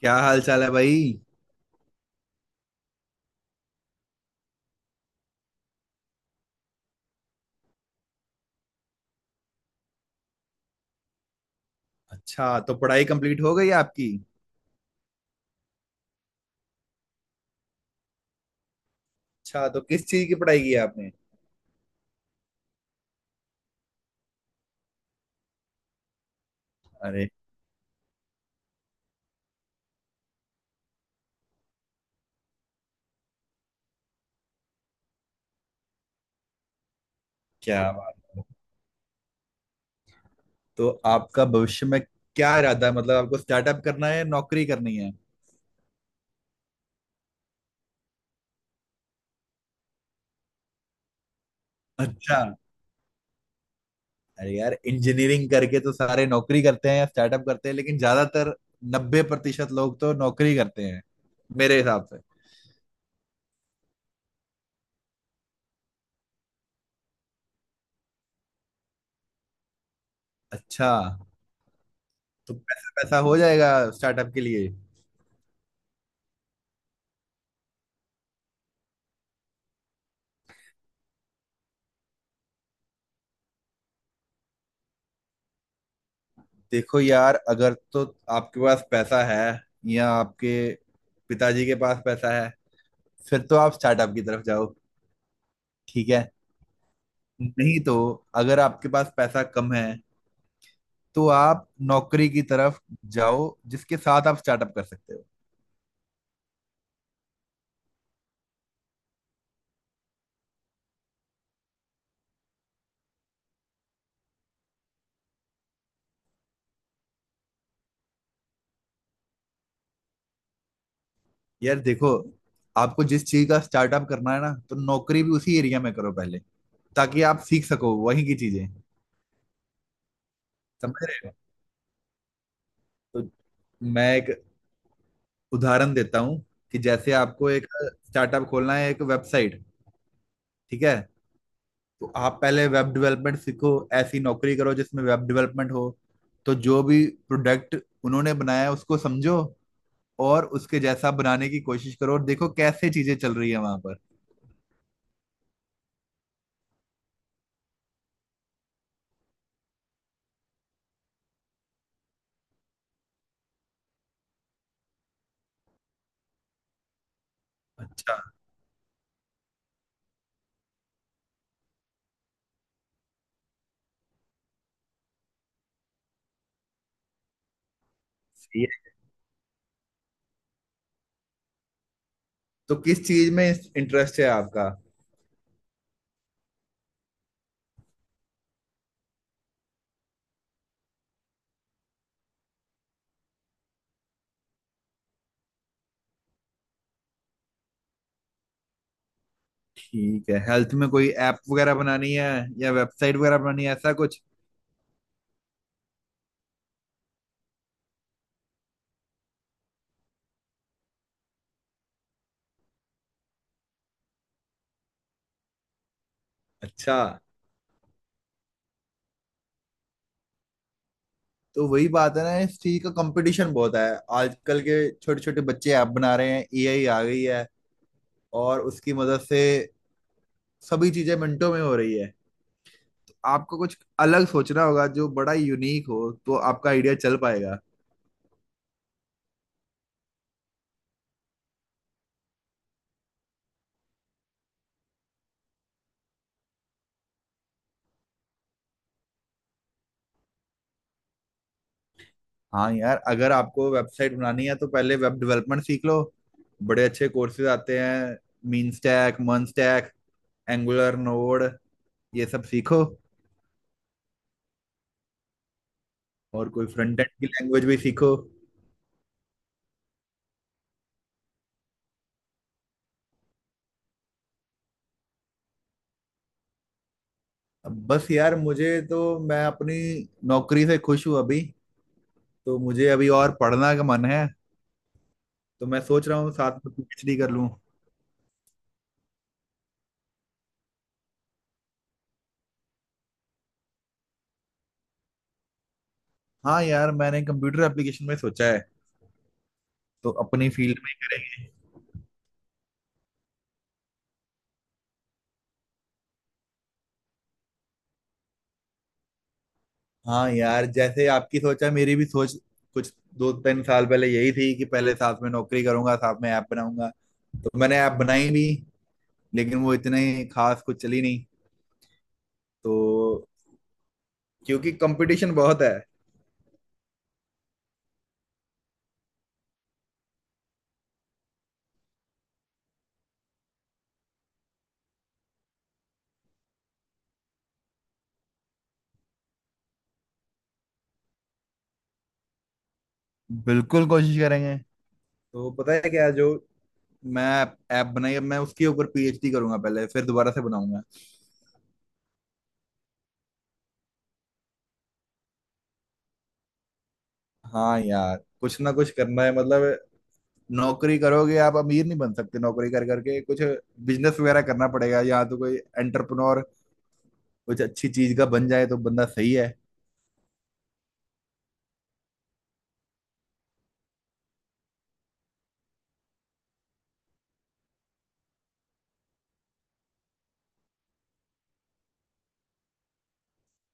क्या हाल चाल है भाई। अच्छा, तो पढ़ाई कंप्लीट हो गई आपकी। अच्छा, तो किस चीज की पढ़ाई की है आपने। अरे। क्या बात। तो आपका भविष्य में क्या इरादा है, मतलब आपको स्टार्टअप करना है या नौकरी करनी है। अच्छा। अरे यार, इंजीनियरिंग करके तो सारे नौकरी करते हैं या स्टार्टअप करते हैं, लेकिन ज्यादातर 90% लोग तो नौकरी करते हैं मेरे हिसाब से। अच्छा। तो पैसा पैसा हो जाएगा स्टार्टअप के लिए। देखो यार, अगर तो आपके पास पैसा है, या आपके पिताजी के पास पैसा है, फिर तो आप स्टार्टअप की तरफ जाओ। ठीक है। नहीं तो अगर आपके पास पैसा कम है, तो आप नौकरी की तरफ जाओ, जिसके साथ आप स्टार्टअप कर सकते हो। यार देखो, आपको जिस चीज का स्टार्टअप करना है ना, तो नौकरी भी उसी एरिया में करो पहले, ताकि आप सीख सको वहीं की चीजें। समझ रहे हो। तो मैं एक उदाहरण देता हूँ, कि जैसे आपको एक स्टार्टअप खोलना है, एक वेबसाइट। ठीक है। तो आप पहले वेब डेवलपमेंट सीखो, ऐसी नौकरी करो जिसमें वेब डेवलपमेंट हो, तो जो भी प्रोडक्ट उन्होंने बनाया है, उसको समझो और उसके जैसा बनाने की कोशिश करो, और देखो कैसे चीजें चल रही है वहां पर। अच्छा। सही है। तो किस चीज में इंटरेस्ट है आपका। ठीक है, हेल्थ में कोई ऐप वगैरह बनानी है या वेबसाइट वगैरह बनानी है, ऐसा कुछ। अच्छा। तो वही बात है ना, इस चीज का कंपटीशन बहुत है। आजकल के छोटे छोटे बच्चे ऐप बना रहे हैं, एआई आ गई है और उसकी मदद से सभी चीजें मिनटों में हो रही है। आपको कुछ अलग सोचना होगा, जो बड़ा यूनिक हो तो आपका आइडिया चल पाएगा। हाँ यार, अगर आपको वेबसाइट बनानी है तो पहले वेब डेवलपमेंट सीख लो। बड़े अच्छे कोर्सेज आते हैं। मीन स्टैक, मन स्टैक, एंगुलर, नोड, ये सब सीखो। और कोई फ्रंट एंड की लैंग्वेज भी सीखो। अब बस यार, मुझे तो, मैं अपनी नौकरी से खुश हूँ अभी, तो मुझे अभी और पढ़ना का मन है। तो मैं सोच रहा हूँ साथ में पीएचडी कर लूँ। हाँ यार, मैंने कंप्यूटर एप्लीकेशन में सोचा है, तो अपनी फील्ड में करेंगे। हाँ यार, जैसे आपकी सोचा, मेरी भी सोच कुछ 2-3 साल पहले यही थी, कि पहले साथ में नौकरी करूंगा, साथ में ऐप बनाऊंगा। तो मैंने ऐप बनाई भी, लेकिन वो इतने खास कुछ चली नहीं। तो क्योंकि कंपटीशन बहुत है। बिल्कुल कोशिश करेंगे। तो पता है क्या, जो मैं ऐप बनाई, अब मैं उसके ऊपर पीएचडी करूंगा पहले, फिर दोबारा से बनाऊंगा। हाँ यार, कुछ ना कुछ करना है, मतलब नौकरी करोगे, आप अमीर नहीं बन सकते नौकरी कर करके। कुछ बिजनेस वगैरह करना पड़ेगा, या तो कोई एंटरप्रेन्योर कुछ अच्छी चीज का बन जाए तो बंदा सही है।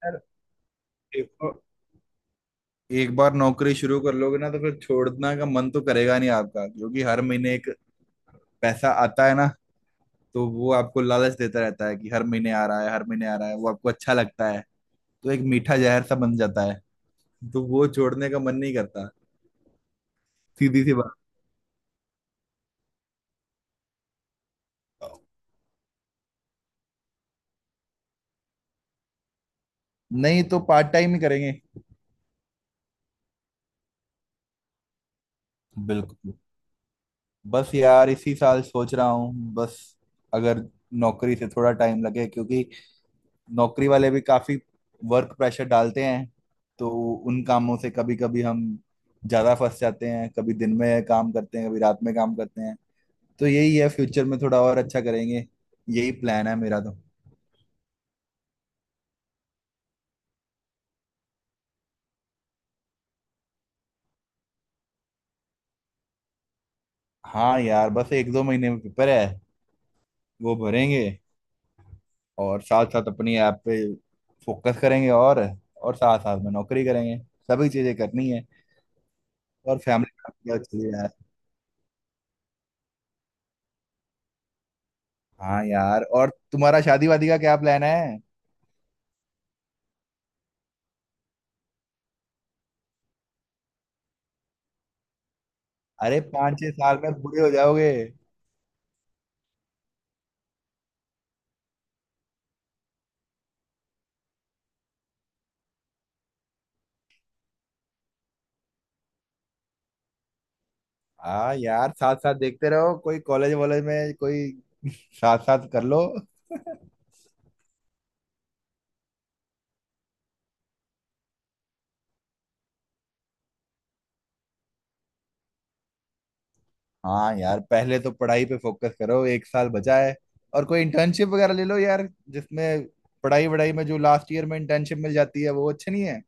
यार देखो, एक बार नौकरी शुरू कर लोगे ना, तो फिर छोड़ना का मन तो करेगा नहीं आपका, क्योंकि हर महीने एक पैसा आता है ना, तो वो आपको लालच देता रहता है, कि हर महीने आ रहा है, हर महीने आ रहा है, वो आपको अच्छा लगता है। तो एक मीठा जहर सा बन जाता है, तो वो छोड़ने का मन नहीं करता। सीधी सी बात। नहीं तो पार्ट टाइम ही करेंगे। बिल्कुल। बस यार, इसी साल सोच रहा हूँ बस, अगर नौकरी से थोड़ा टाइम लगे, क्योंकि नौकरी वाले भी काफी वर्क प्रेशर डालते हैं, तो उन कामों से कभी कभी हम ज्यादा फंस जाते हैं, कभी दिन में काम करते हैं, कभी रात में काम करते हैं। तो यही है, फ्यूचर में थोड़ा और अच्छा करेंगे, यही प्लान है मेरा तो। हाँ यार, बस 1-2 महीने में पेपर है, वो भरेंगे, और साथ साथ अपनी ऐप पे फोकस करेंगे, और साथ साथ में नौकरी करेंगे। सभी चीजें करनी है। और फैमिली, चलिए यार। हाँ यार, और तुम्हारा शादी वादी का क्या प्लान है। अरे, 5-6 साल में बूढ़े हो जाओगे। हाँ यार, साथ साथ देखते रहो, कोई कॉलेज वॉलेज में कोई साथ साथ कर लो। हाँ यार, पहले तो पढ़ाई पे फोकस करो, एक साल बचा है। और कोई इंटर्नशिप वगैरह ले लो यार, जिसमें पढ़ाई वढ़ाई में जो लास्ट ईयर में इंटर्नशिप मिल जाती है वो अच्छी नहीं है।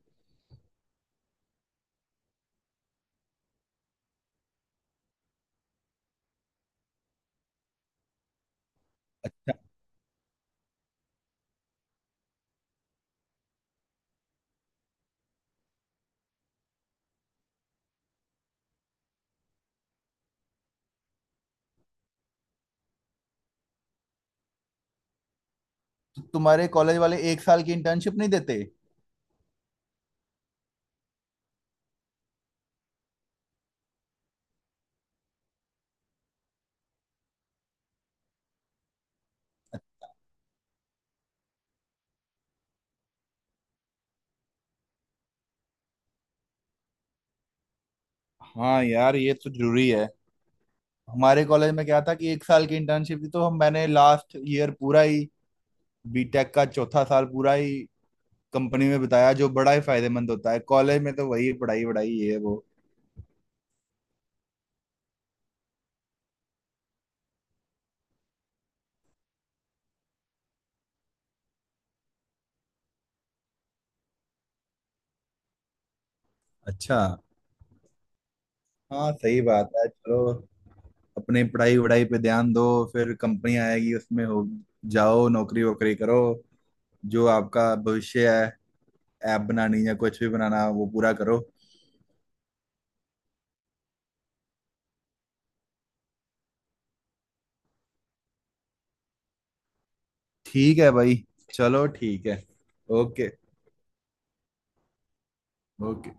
तुम्हारे कॉलेज वाले एक साल की इंटर्नशिप नहीं देते। हाँ यार, ये तो जरूरी है। हमारे कॉलेज में क्या था, कि एक साल की इंटर्नशिप थी, तो हम मैंने लास्ट ईयर पूरा ही, बीटेक का चौथा साल पूरा ही कंपनी में बिताया, जो बड़ा ही फायदेमंद होता है। कॉलेज में तो वही पढ़ाई वढ़ाई ये वो। अच्छा। हाँ, सही बात है। चलो, अपनी पढ़ाई वढ़ाई पे ध्यान दो, फिर कंपनी आएगी, उसमें हो जाओ, नौकरी वोकरी करो, जो आपका भविष्य है, ऐप बनानी या कुछ भी बनाना, वो पूरा करो। ठीक है भाई। चलो, ठीक है। ओके। ओके।